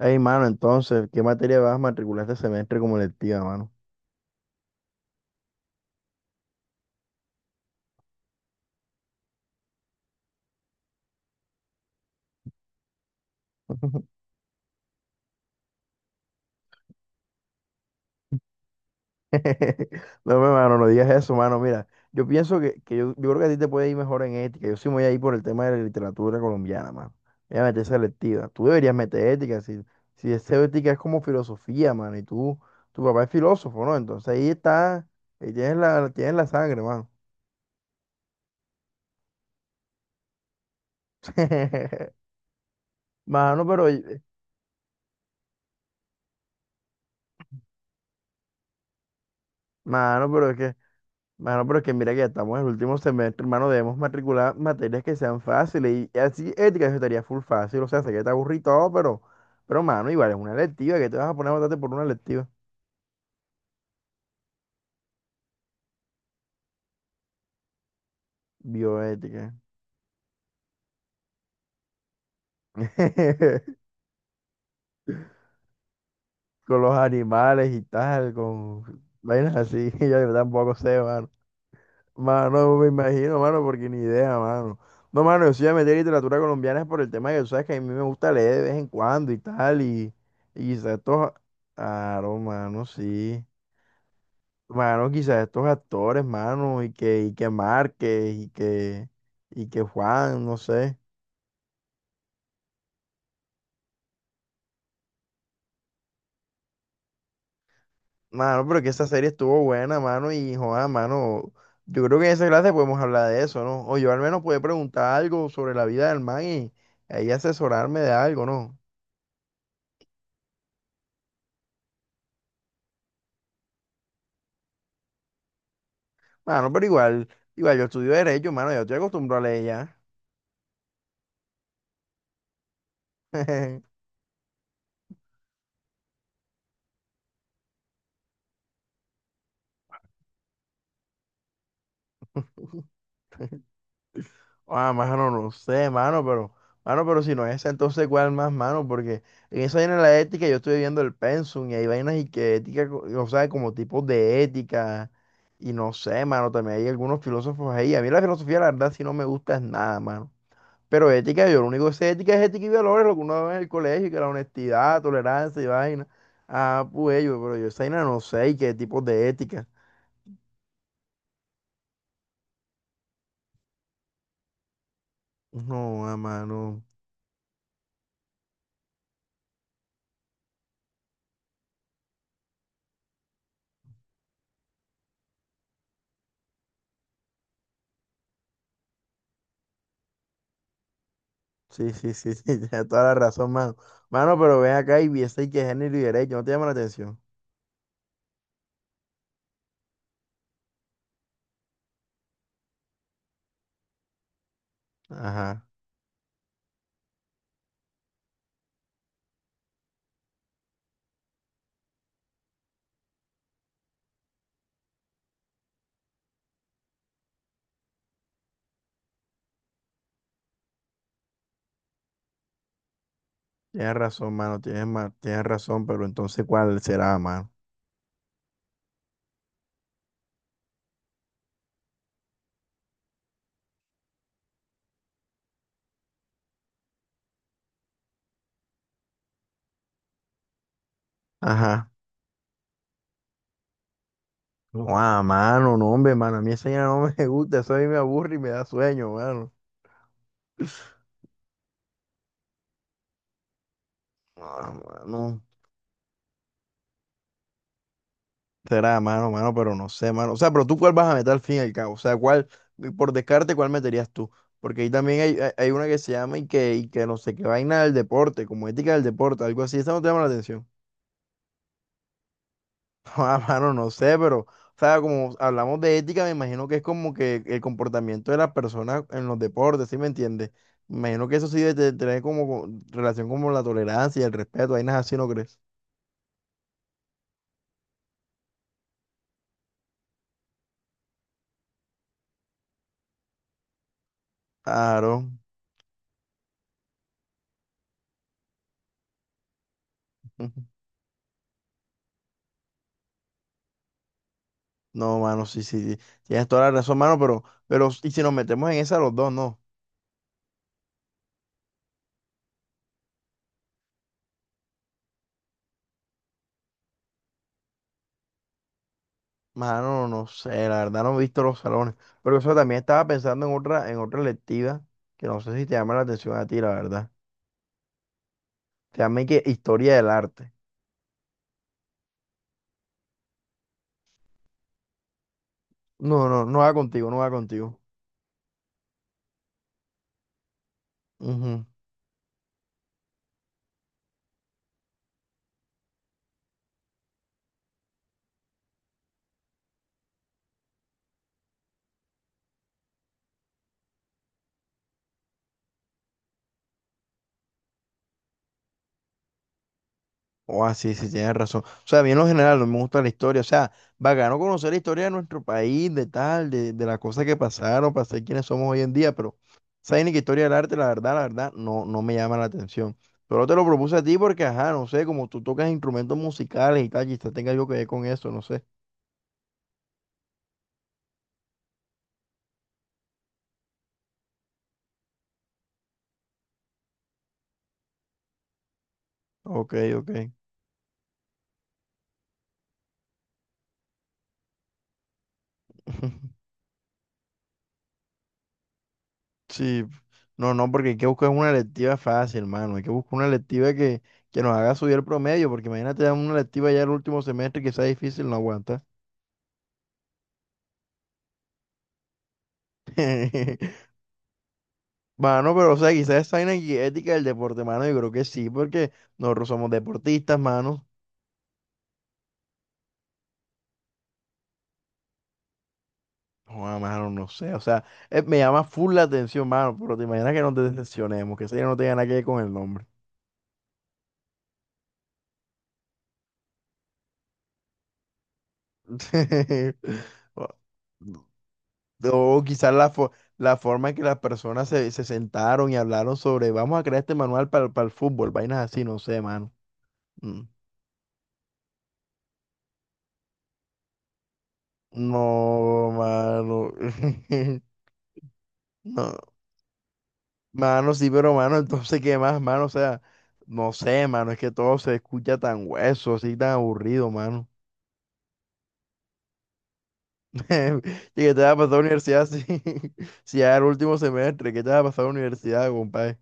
Ey, mano, entonces, ¿qué materia vas a matricular este semestre como electiva, mano? No, me, mano, no digas eso, mano. Mira, yo pienso que yo creo que a ti te puede ir mejor en ética. Yo sí me voy a ir por el tema de la literatura colombiana, mano. Voy a meter esa electiva. Tú deberías meter ética. Si, si es ética es como filosofía, mano. Y tú, tu papá es filósofo, ¿no? Entonces ahí está, ahí tienes tienes la sangre, mano. Mano, pero, mano, pero es que Mano, pero es que mira que ya estamos en el último semestre, hermano, debemos matricular materias que sean fáciles y así ética eso estaría full fácil, o sea, sé que te aburrí y todo, pero, mano, igual es una electiva, ¿que te vas a poner a matarte por una electiva? Bioética. Con los animales y tal, con vainas así, yo tampoco sé, mano. Mano, me imagino, mano, porque ni idea, mano. No, mano, yo sí voy a meter literatura colombiana por el tema que tú sabes que a mí me gusta leer de vez en cuando y tal, y quizás estos... Claro, mano, sí. Mano, quizás estos actores, mano, y que Márquez, y que Juan, no sé. Mano, pero que esa serie estuvo buena, mano, y Juan, mano, yo creo que en esa clase podemos hablar de eso, ¿no? O yo al menos puedo preguntar algo sobre la vida del man y ahí asesorarme de algo, ¿no? Mano, pero igual, Igual yo estudio Derecho, mano, yo estoy acostumbrado a leer ya. Ah, mano, no sé, mano, pero si no es esa, entonces cuál más, mano, porque en esa vaina de la ética yo estoy viendo el pensum y hay vainas y que ética, o sea, como tipos de ética, y no sé, mano, también hay algunos filósofos ahí. A mí la filosofía, la verdad, si no me gusta es nada, mano. Pero ética, yo lo único que sé de ética es ética y valores, lo que uno ve en el colegio, que la honestidad, tolerancia y vaina. Ah, pues yo, pero yo esa vaina no sé y qué tipos de ética. No, ah, mano. Sí, sí, sí, sí, tienes toda la razón, mano. Mano, pero ven acá y viste y que género y derecho, ¿no te llama la atención? Ajá, tienes razón, mano, tienes razón, pero entonces, ¿cuál será, mano? Ajá. Guau, mano, no, hombre, mano, a mí esa vaina no me gusta, eso a mí me aburre y me da sueño, mano. Ah, mano, será, mano, mano, pero no sé, mano. O sea, pero tú, ¿cuál vas a meter al fin y al cabo? O sea, ¿cuál, por descarte, cuál meterías tú? Porque ahí también hay, hay una que se llama y que no sé qué vaina del deporte, como ética del deporte, algo así, esa no te llama la atención. Ah, mano, no sé, pero, o sea, como hablamos de ética, me imagino que es como que el comportamiento de las personas en los deportes, ¿sí me entiendes? Me imagino que eso sí debe tener como relación como la tolerancia y el respeto, hay nada así, ¿no crees? Claro. Ujú. No, mano, sí, sí, sí, tienes toda la razón, mano, pero, y si nos metemos en esa los dos, no, mano, no sé, la verdad no he visto los salones, pero eso también estaba pensando en otra electiva, que no sé si te llama la atención a ti, la verdad, se llama y que Historia del Arte. No, no, no va contigo, no va contigo. Ujú. Oh, ah, sí, sí, tienes razón. O sea, bien en lo general, no me gusta la historia. O sea, bacano conocer la historia de nuestro país, de tal, de las cosas que pasaron, para ser quienes somos hoy en día, pero esa ni que historia del arte, la verdad, no, no me llama la atención. Pero te lo propuse a ti porque, ajá, no sé, como tú tocas instrumentos musicales y tal, quizás tenga yo que ver con eso, no sé. Ok, ok. Sí, no, no, porque hay que buscar una electiva fácil, hermano. Hay que buscar una electiva que nos haga subir el promedio, porque imagínate dar una electiva ya el último semestre que sea difícil, no aguanta. Mano, pero o sea, quizás esa vaina y ética del deporte, mano, yo creo que sí, porque nosotros somos deportistas, mano. No, mano, no sé, o sea, me llama full la atención, mano, pero te imaginas que nos decepcionemos, que eso ya no tenga nada que ver con el nombre. O- O quizás la forma en que las se sentaron y hablaron sobre, vamos a crear este manual para el fútbol, vainas así, no sé, mano. Mm. No, mano. No, mano, sí, pero mano, entonces, ¿qué más, mano? O sea, no sé, mano, es que todo se escucha tan hueso, así, tan aburrido, mano. ¿Y qué te va a pasar a la universidad si, si ya era el último semestre? ¿Qué te va a pasar a la universidad, compadre?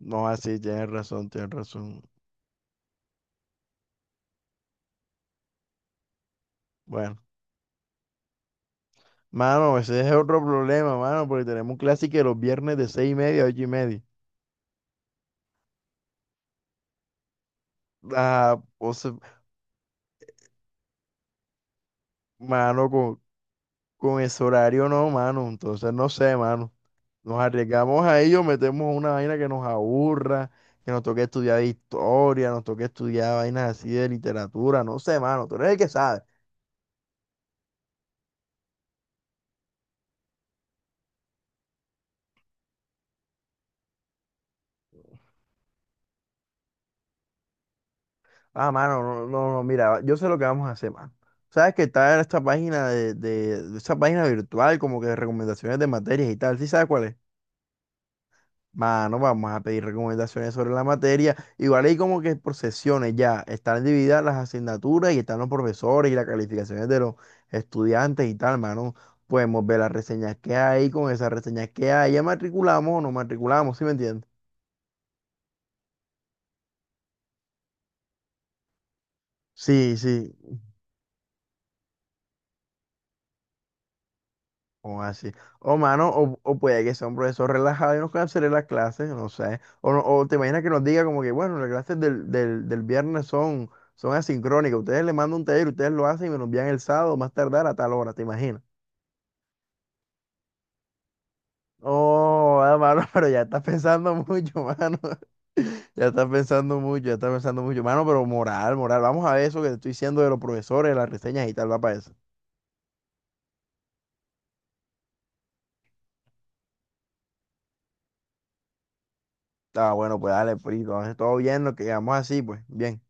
No, así, tienes razón, tienes razón. Bueno. Mano, ese es otro problema, mano, porque tenemos clase que los viernes de 6:30 a 8:30. Ah, o sea, mano, con ese horario no, mano. Entonces, no sé, mano. Nos arriesgamos a ello, metemos una vaina que nos aburra, que nos toque estudiar historia, nos toque estudiar vainas así de literatura, no sé, mano. Tú eres el que sabe. Ah, mano, no, no, no, mira, yo sé lo que vamos a hacer, mano. Sabes que está en esta página de esta página virtual, como que de recomendaciones de materias y tal. ¿Sí sabes cuál es? Mano, vamos a pedir recomendaciones sobre la materia. Igual hay como que por sesiones ya están divididas las asignaturas y están los profesores y las calificaciones de los estudiantes y tal, mano. Podemos ver las reseñas que hay, con esas reseñas que hay, ya matriculamos o no matriculamos, ¿sí me entiendes? Sí, sí. O así. O mano, o puede que sea un profesor relajado y nos cancele las clases, no sé. O, no- o te imaginas que nos diga como que, bueno, las clases del viernes son asincrónicas. Ustedes le mandan un taller, ustedes lo hacen y me lo envían el sábado, más tardar a tal hora, ¿te imaginas? Oh, ah, mano, pero ya estás pensando mucho, mano. Ya estás pensando mucho, ya estás pensando mucho. Mano, pero moral, moral. Vamos a ver eso que te estoy diciendo de los profesores, de las reseñas y tal, va para eso. Ah, bueno, pues dale, pues, entonces todo bien, lo que quedamos así, pues, bien.